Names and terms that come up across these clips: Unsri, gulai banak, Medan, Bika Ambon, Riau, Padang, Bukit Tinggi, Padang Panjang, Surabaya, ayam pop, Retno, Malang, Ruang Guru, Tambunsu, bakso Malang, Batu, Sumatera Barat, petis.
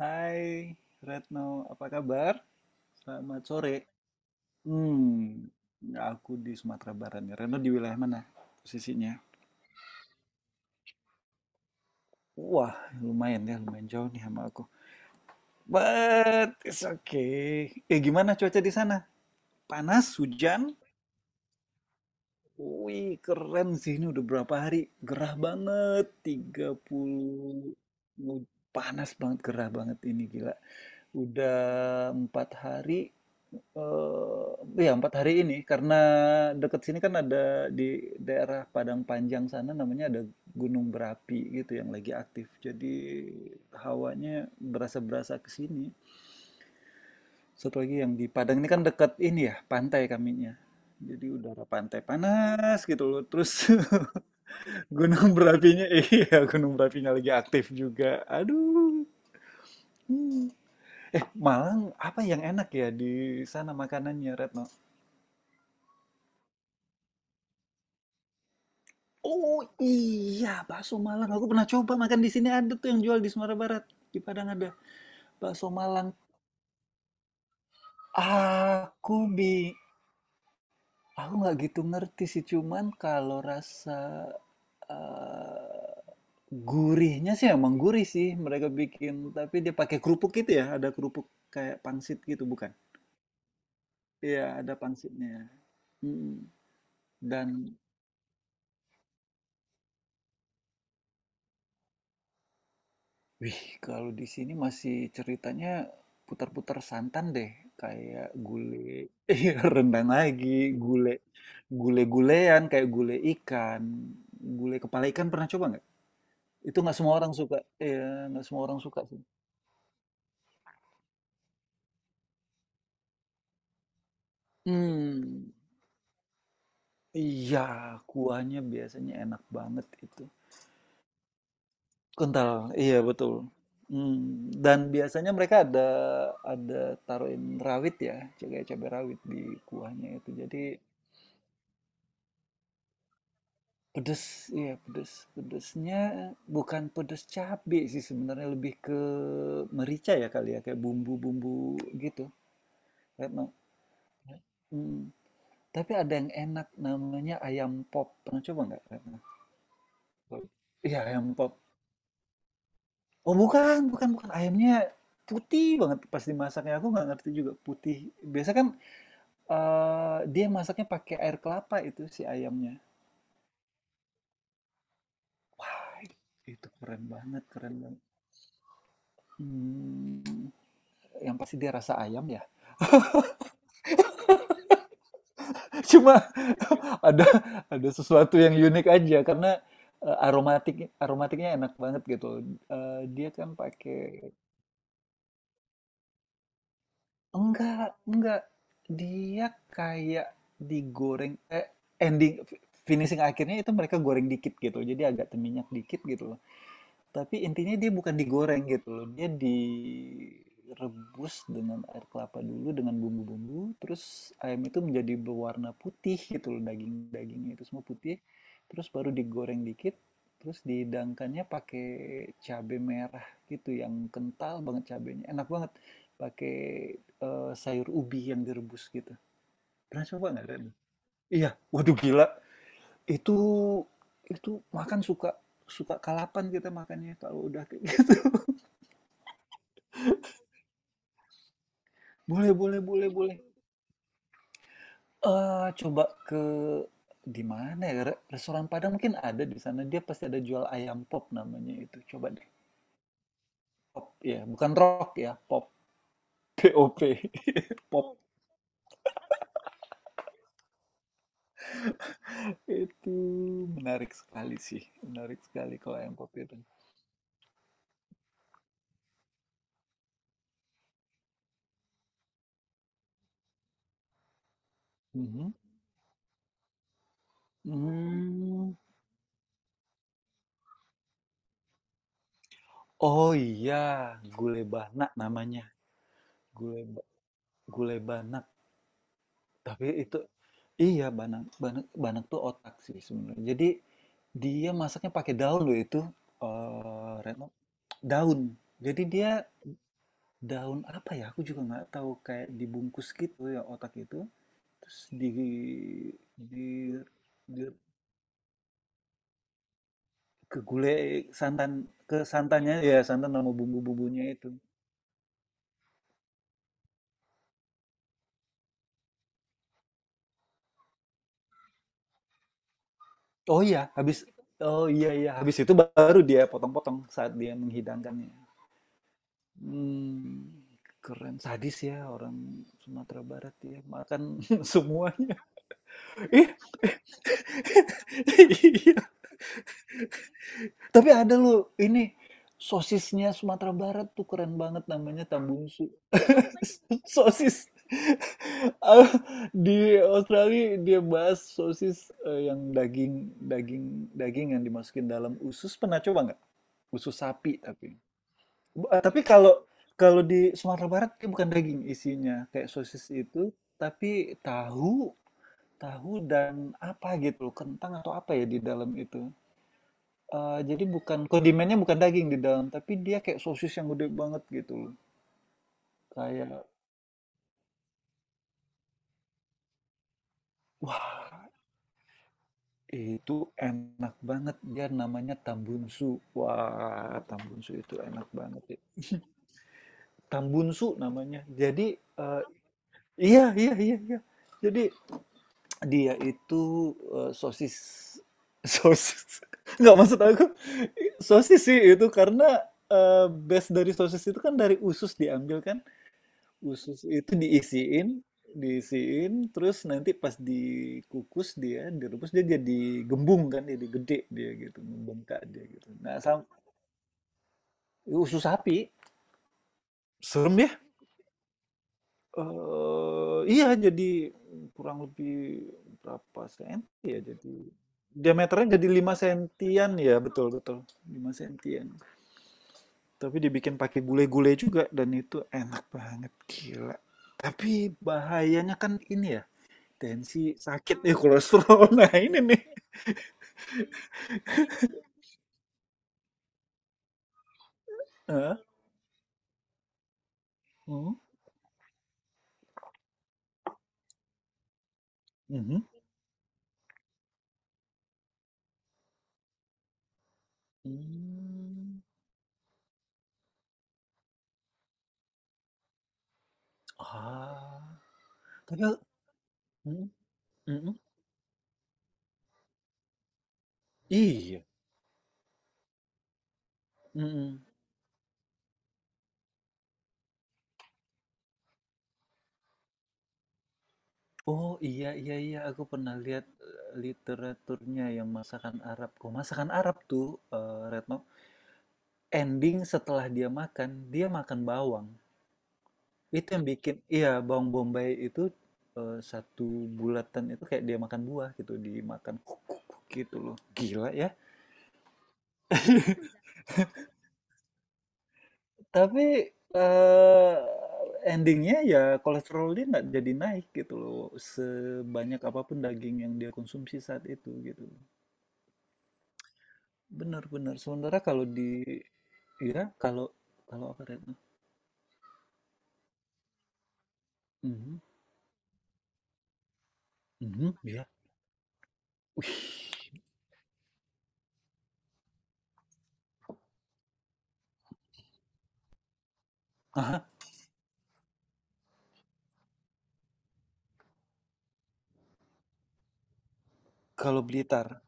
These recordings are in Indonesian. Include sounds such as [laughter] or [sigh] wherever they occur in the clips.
Hai Retno, apa kabar? Selamat sore. Hmm, aku di Sumatera Barat nih. Retno di wilayah mana posisinya? Wah, lumayan ya, lumayan jauh nih sama aku. But it's okay. Eh, gimana cuaca di sana? Panas, hujan? Wih, keren sih ini udah berapa hari. Gerah banget, 30? Panas banget, gerah banget ini gila. Udah 4 hari. Iya 4 hari ini karena deket sini kan ada di daerah Padang Panjang sana namanya ada gunung berapi gitu yang lagi aktif. Jadi hawanya berasa-berasa ke sini. Satu lagi yang di Padang ini kan dekat ini ya pantai kaminya. Jadi udara pantai panas gitu loh. Terus [laughs] gunung berapinya, iya gunung berapinya lagi aktif juga. Aduh. Hmm. Eh, Malang apa yang enak ya di sana makanannya, Retno? Oh iya, bakso Malang. Aku pernah coba makan di sini, ada tuh yang jual di Sumatera Barat. Di Padang ada bakso Malang. Aku bi, aku nggak gitu ngerti sih. Cuman kalau rasa eh, gurihnya sih emang gurih sih mereka bikin. Tapi dia pakai kerupuk gitu ya. Ada kerupuk kayak pangsit gitu bukan? Iya, ada pangsitnya. Mm. Dan Wih, kalau di sini masih ceritanya putar-putar santan deh, kayak gule. [laughs] Iya, rendang lagi, gule gule gulean kayak gule ikan, gule kepala ikan, pernah coba nggak? Itu nggak semua orang suka, iya nggak semua orang suka sih. Hmm, iya kuahnya biasanya enak banget itu. Kental, iya betul. Hmm, dan biasanya mereka ada ada taruhin rawit ya, cabai cabai rawit di kuahnya itu. Jadi pedes, ya pedes. Pedesnya bukan pedes cabe sih sebenarnya, lebih ke merica ya kali ya, kayak bumbu-bumbu gitu. Retno. Hmm. Tapi ada yang enak, namanya ayam pop. Pernah coba nggak, Retno? Iya, ayam pop. Oh bukan, bukan, bukan. Ayamnya putih banget pas dimasaknya. Aku nggak ngerti juga putih. Biasa kan dia masaknya pakai air kelapa itu si ayamnya. Ah, itu keren banget, keren banget. Hmm, yang pasti dia rasa ayam ya. [laughs] Cuma [laughs] ada ada sesuatu yang unik aja karena aromatiknya enak banget gitu. Eh, dia kan pakai enggak dia kayak digoreng, eh, ending finishing akhirnya itu mereka goreng dikit gitu. Jadi agak minyak dikit gitu. Tapi intinya dia bukan digoreng gitu loh. Dia direbus dengan air kelapa dulu dengan bumbu-bumbu, terus ayam itu menjadi berwarna putih gitu loh, daging-dagingnya itu semua putih. Terus baru digoreng dikit, terus dihidangkannya pakai cabai merah gitu yang kental banget cabainya. Enak banget pakai sayur ubi yang direbus gitu. Pernah coba nggak, Dani? Iya, waduh gila. Itu makan suka suka kalapan kita makannya kalau udah kayak gitu. Boleh boleh boleh boleh. Coba ke di mana ya, restoran Padang mungkin ada di sana, dia pasti ada jual ayam pop namanya itu, coba deh, pop ya, bukan rock ya, pop, Pop, [laughs] pop. Itu menarik sekali sih, menarik sekali kalau ayam pop itu. Mhm, mmm, oh iya, gulai banak namanya, gulai ba gulai bana. Tapi itu iya, Banak, Banak, Banak tuh otak sih sebenarnya. Jadi dia masaknya pakai daun loh itu, eh Retno, daun. Jadi dia daun apa ya? Aku juga nggak tahu, kayak dibungkus gitu ya otak itu. Terus di, di ke gulai santan, ke santannya ya, santan sama bumbu-bumbunya itu. Oh iya, habis oh iya iya, habis itu baru dia potong-potong saat dia menghidangkannya. Mmm, keren. Sadis ya orang Sumatera Barat ya, makan [laughs] semuanya. Ih, [laughs] iya, tapi ada loh ini, sosisnya Sumatera Barat tuh keren banget namanya Tambungsu. [laughs] Sosis, eee, di Australia dia bahas sosis, yang daging daging daging yang dimasukin dalam usus, pernah coba nggak? Usus sapi tapi. Tapi kalau kalau di Sumatera Barat dia bukan daging isinya kayak sosis itu, tapi tahu, tahu dan apa gitu loh, kentang atau apa ya di dalam itu. Eh, jadi bukan kondimennya, bukan daging di dalam, tapi dia kayak sosis yang gede banget gitu loh. Kayak wah, itu enak banget. Dia namanya Tambunsu. Wah, Tambunsu itu enak banget, ya. Tambunsu namanya. Jadi eh, iya iya iya iya. Jadi dia itu, sosis sosis [laughs] nggak maksud aku sosis sih itu karena, base dari sosis itu kan dari usus diambil kan, usus itu diisiin diisiin terus nanti pas dikukus dia, direbus dia jadi gembung kan, jadi gede dia gitu, membengkak dia gitu. Nah usus sapi. Serem ya? Iya jadi kurang lebih berapa senti ya, jadi diameternya jadi 5 sentian, ya betul betul 5 sentian, tapi dibikin pakai gulai-gulai juga, dan itu enak banget gila. Tapi bahayanya kan ini ya, tensi sakit nih, kolesterol. [laughs] Nah ini nih, heeh, mhm, mhm, mmm, ah, padahal mhm, mhm, iya, mhm. Oh iya iya iya, aku pernah lihat literaturnya yang masakan Arab. Kok masakan Arab tuh eh, Retno, ending setelah dia makan bawang. Itu yang bikin, iya bawang bombay itu satu bulatan itu kayak dia makan buah gitu, dimakan kuk, kuk, kuk gitu loh. Gila ya. Tapi eh endingnya ya kolesterol dia nggak jadi naik gitu loh, sebanyak apapun daging yang dia konsumsi saat itu gitu. Benar-benar. Sementara kalau di ya kalau kalau apa Retno? Mhm, mhm, ya. Aha, kalau Blitar.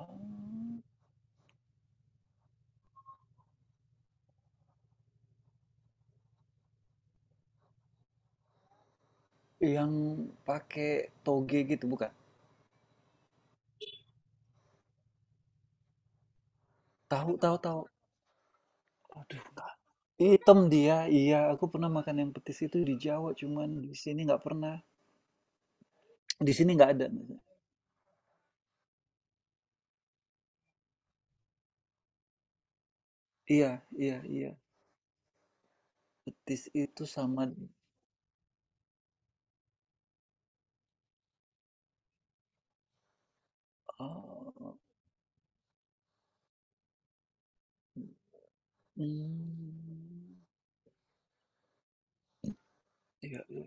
Oh, yang pakai toge gitu bukan? Tahu tahu tahu. Aduh, nggak. Hitam dia. Iya, aku pernah makan yang petis itu di Jawa, cuman di sini nggak pernah. Di sini nggak ada. Iya, iya, iya. Petis itu sama, oh, hmm, iya, iya,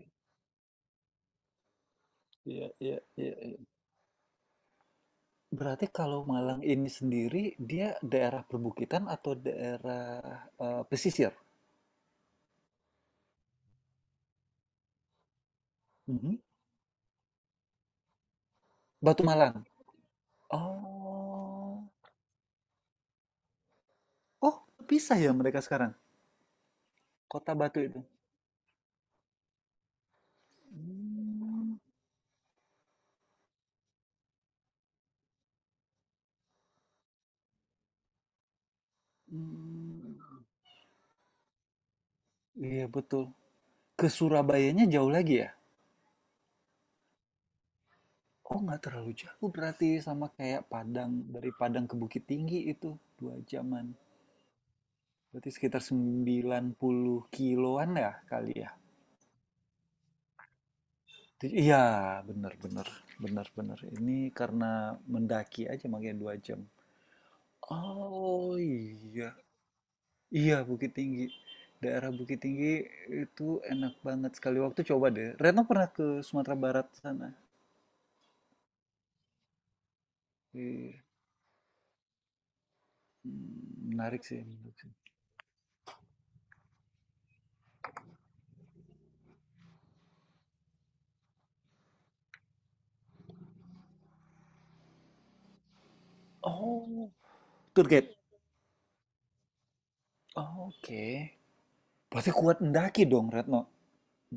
iya, iya, iya. Berarti kalau Malang ini sendiri, dia daerah perbukitan atau daerah, pesisir? Mhm. Batu Malang? Oh. Oh, pisah ya mereka sekarang? Kota Batu itu? Mmm, mmm, iya betul. Ke Surabayanya jauh lagi ya? Oh, nggak terlalu jauh berarti, sama kayak Padang, dari Padang ke Bukit Tinggi itu 2 jaman. Berarti sekitar 90 kiloan ya kali ya? Iya, bener, bener, bener, bener. Ini karena mendaki aja makanya 2 jam. Oh iya, iya Bukit Tinggi. Daerah Bukit Tinggi itu enak banget sekali. Waktu coba deh. Retno pernah ke Sumatera Barat sana. Iya. Menarik sih. Menarik sih. Oh, tour guide. Oh, oke. Berarti kuat mendaki dong, Retno.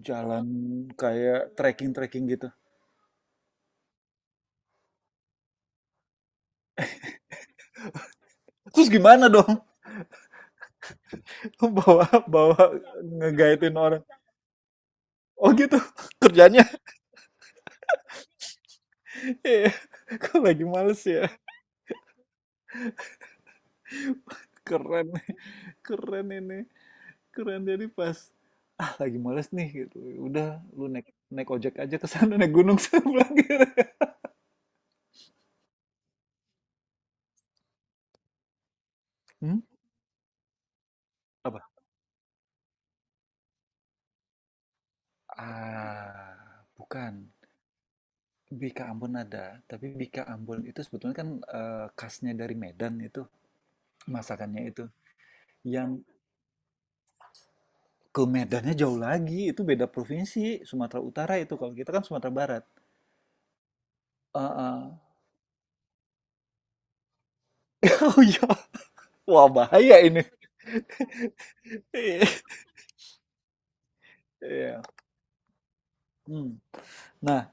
Jalan kayak trekking-trekking gitu. Terus gimana dong? [laughs] Bawa bawa ngegaitin orang. Oh gitu [laughs] kerjanya. Iya. Kok lagi males ya? Keren. Keren ini. Keren, jadi pas ah lagi males nih gitu. Udah lu naik naik ojek aja ke sana naik gunung [laughs] saya bilang gitu. Hmm? Apa? Ah, bukan. Bika Ambon ada, tapi Bika Ambon itu sebetulnya kan khasnya dari Medan itu, masakannya itu. Yang ke Medannya jauh lagi, itu beda provinsi, Sumatera Utara itu, kalau kita kan Sumatera Barat. Ah, ah. [laughs] Oh iya, wah, bahaya ini. Iya. Hmm. Nah,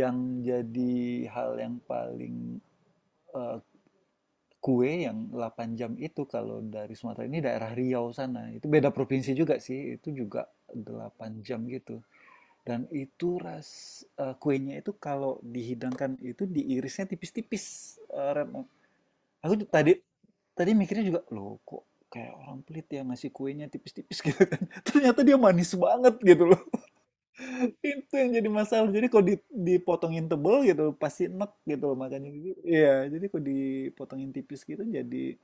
yang jadi hal yang paling eh, kue yang 8 jam itu kalau dari Sumatera ini daerah Riau sana. Itu beda provinsi juga sih, itu juga 8 jam gitu. Dan itu kuenya itu kalau dihidangkan itu diirisnya tipis-tipis, eh Retno. Aku ju- tadi tadi mikirnya juga, loh kok kayak orang pelit ya ngasih kuenya tipis-tipis [laughs] gitu kan. Ternyata dia manis banget gitu loh. Itu yang jadi masalah. Jadi kalau dipotongin tebel gitu, pasti enek gitu loh makanya. Gitu iya, jadi kalau dipotongin tipis gitu jadi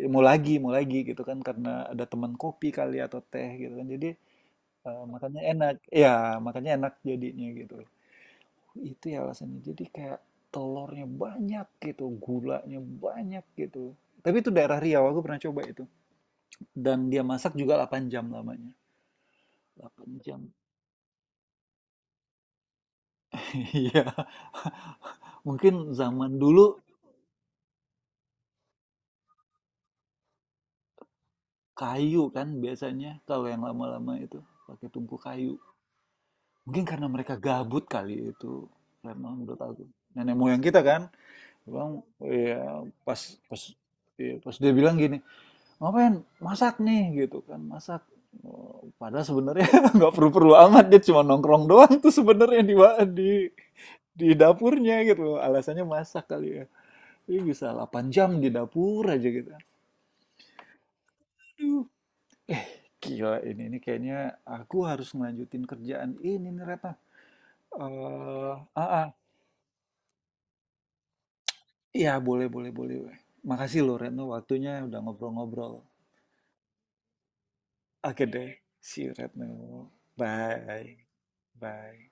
ya mau lagi gitu kan karena ada teman kopi kali atau teh gitu kan. Jadi makanya enak. Iya, makanya enak jadinya gitu loh. Itu ya alasannya. Jadi kayak telurnya banyak gitu, gulanya banyak gitu. Tapi itu daerah Riau, aku pernah coba itu. Dan dia masak juga 8 jam lamanya. 8 jam. [laughs] Iya, mungkin zaman dulu kayu kan biasanya kalau yang lama-lama itu pakai tungku kayu, mungkin karena mereka gabut kali itu Reno, menurut aku nenek moyang kita kan bilang ya, pas pas ya, pas dia bilang gini, ngapain masak nih gitu kan masak. Oh, padahal sebenarnya nggak [laughs] perlu-perlu amat, dia cuma nongkrong doang tuh sebenarnya di di dapurnya gitu alasannya masak kali ya, dia bisa 8 jam di dapur aja gitu. Aduh. Eh, gila ini. Ini kayaknya aku harus ngelanjutin kerjaan ini nih, Retno. Eh, ah, ah. Iya, boleh, boleh, boleh. Makasih loh, Retno. Waktunya udah ngobrol-ngobrol. Oke deh. See you, Retno. Bye. Bye.